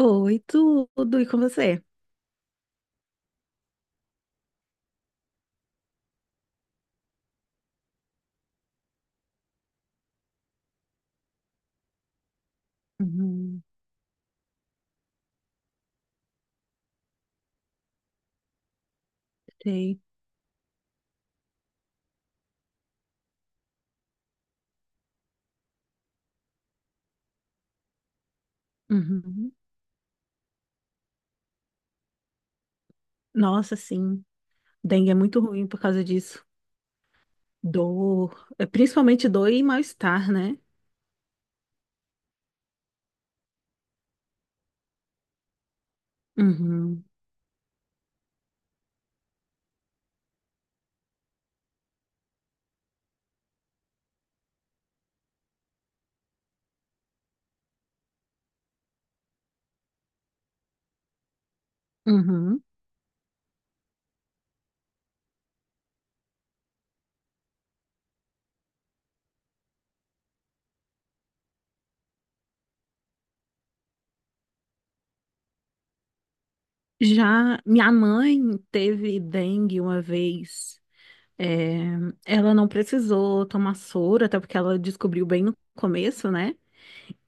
Oi, tudo, e com você? Uhum, sei. Uhum. Nossa, sim, dengue é muito ruim por causa disso. Dor, é, principalmente dor e mal-estar, né? Uhum. Uhum. Já minha mãe teve dengue uma vez. É, ela não precisou tomar soro, até porque ela descobriu bem no começo, né?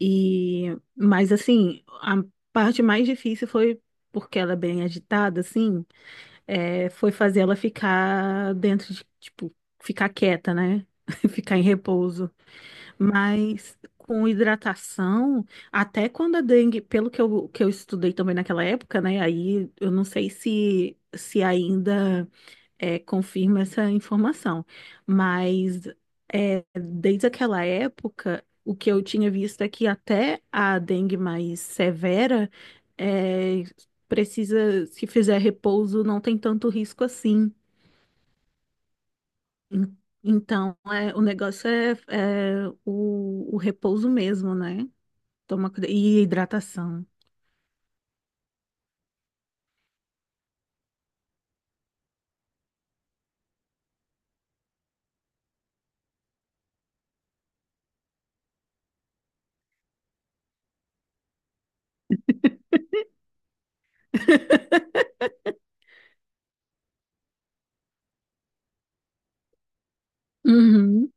E, mas assim, a parte mais difícil foi porque ela é bem agitada, assim. Foi fazer ela ficar dentro de, tipo, ficar quieta, né? Ficar em repouso. Mas com hidratação, até quando a dengue, pelo que eu estudei também naquela época, né? Aí eu não sei se, se ainda confirma essa informação. Mas desde aquela época, o que eu tinha visto é que até a dengue mais severa é, precisa, se fizer repouso, não tem tanto risco assim. En- Então, é, o negócio é, é o repouso mesmo, né? Toma, cuida- e hidratação. Uhum,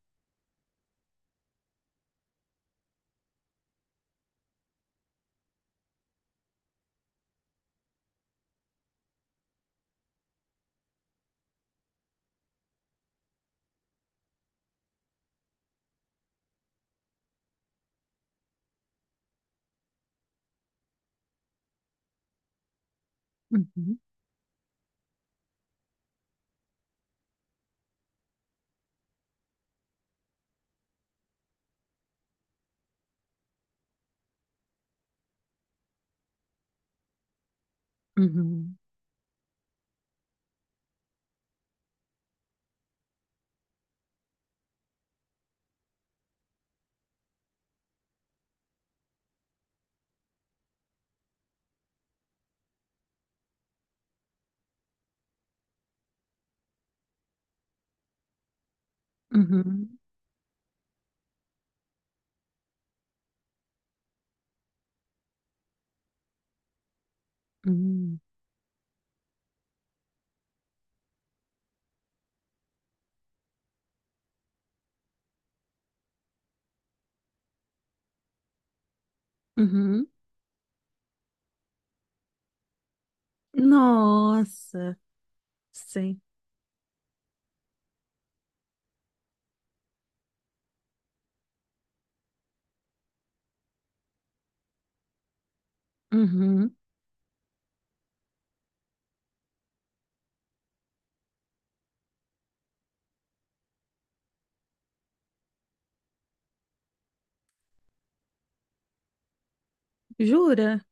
uhum, uhum, uhum, uhum, uhum. Nossa, sim. Uhum. Jura?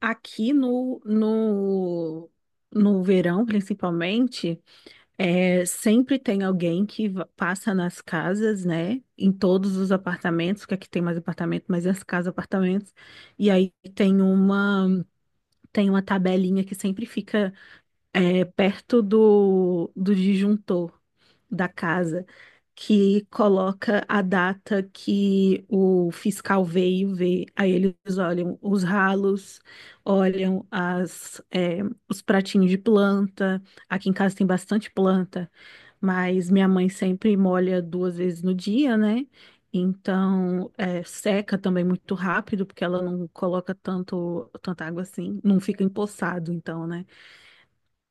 Aqui no, no, no verão, principalmente, sempre tem alguém que passa nas casas, né? Em todos os apartamentos, que aqui tem mais apartamento, mas as casas, apartamentos. E aí tem uma tabelinha que sempre fica, perto do, do disjuntor da casa, que coloca a data que o fiscal veio ver. Aí eles olham os ralos, olham as, os pratinhos de planta. Aqui em casa tem bastante planta, mas minha mãe sempre molha duas vezes no dia, né? Então, é, seca também muito rápido, porque ela não coloca tanto, tanta água assim, não fica empoçado, então, né?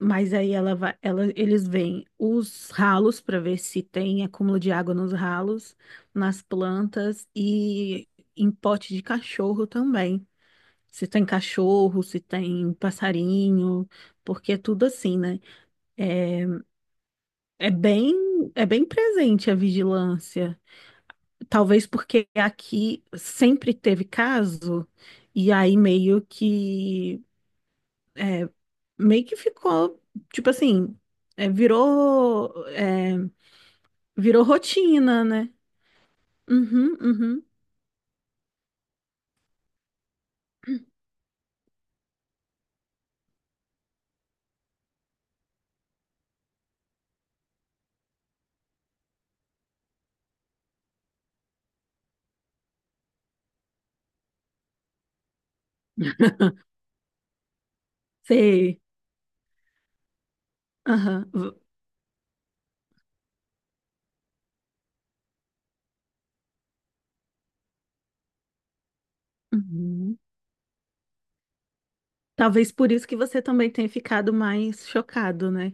Mas aí ela vai, ela, eles veem os ralos para ver se tem acúmulo de água nos ralos, nas plantas e em pote de cachorro também. Se tem cachorro, se tem passarinho, porque é tudo assim, né? É, é bem, é bem presente a vigilância. Talvez porque aqui sempre teve caso, e aí meio que, é, meio que ficou, tipo assim, é, virou. é, virou rotina, né? Uhum, uhum. Sei. Aham. Uhum. Talvez por isso que você também tenha ficado mais chocado, né?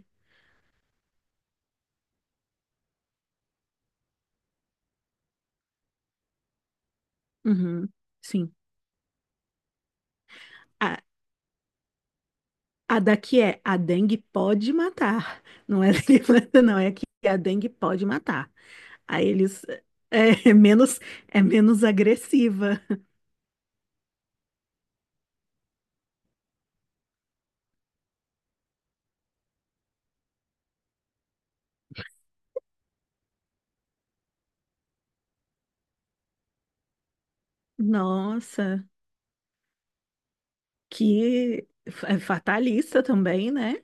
Uhum. Sim. A, a daqui é a dengue pode matar. Não é daqui, não, é que a dengue pode matar. Aí eles é, é menos é menos agressiva. Nossa, que é fatalista também, né?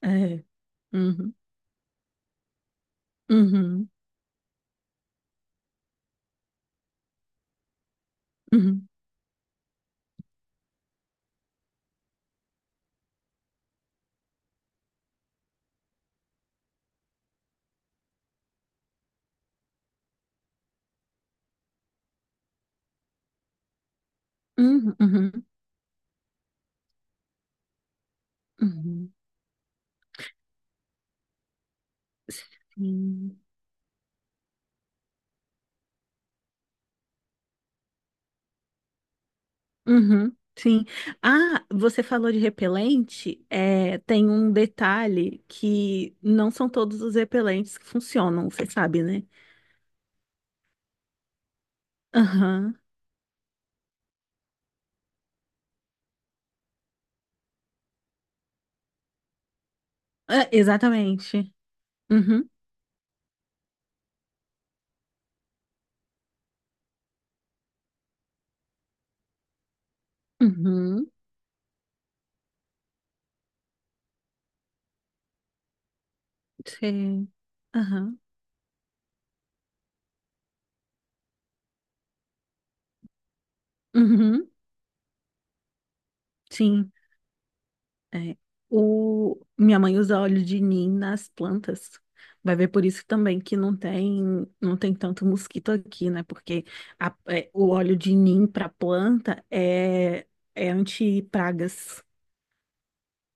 É. Uhum, uhum, uhum, uhum, uhum, uhum. Sim. Uhum, sim. Ah, você falou de repelente. É, tem um detalhe que não são todos os repelentes que funcionam, você sabe, né? Aham. Ah, exatamente. Uhum. Uhum. Sim. Aham. Uhum. Sim. É. O... Minha mãe usa óleo de nim nas plantas. Vai ver por isso também que não tem, não tem tanto mosquito aqui, né? Porque o óleo de nim para planta é anti-pragas.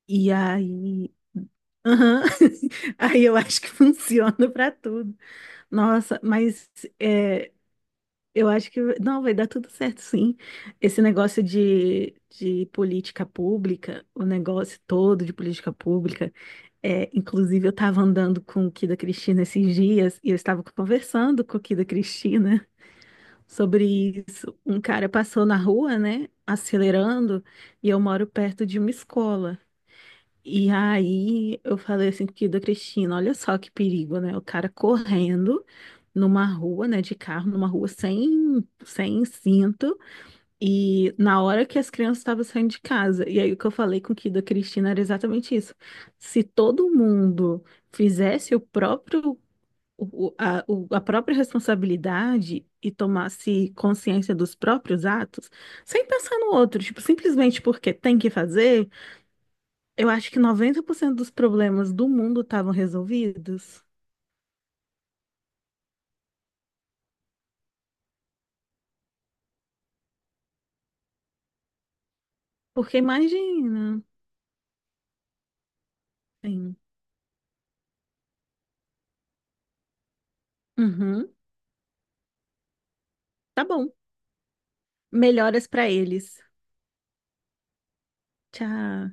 E aí. Aham. Aí eu acho que funciona para tudo. Nossa, mas é, eu acho que não vai dar tudo certo, sim. Esse negócio de política pública, o negócio todo de política pública, é, inclusive eu estava andando com o Kida Cristina esses dias e eu estava conversando com o Kida Cristina sobre isso. Um cara passou na rua, né, acelerando, e eu moro perto de uma escola. E aí eu falei assim que da Cristina, olha só que perigo, né? O cara correndo numa rua, né, de carro, numa rua sem, sem cinto, e na hora que as crianças estavam saindo de casa. E aí o que eu falei com o Kida Cristina era exatamente isso. Se todo mundo fizesse o próprio a própria responsabilidade e tomasse consciência dos próprios atos, sem pensar no outro, tipo, simplesmente porque tem que fazer, eu acho que 90% dos problemas do mundo estavam resolvidos. Porque imagina. Sim. Uhum. Tá bom. Melhoras pra eles. Tchau.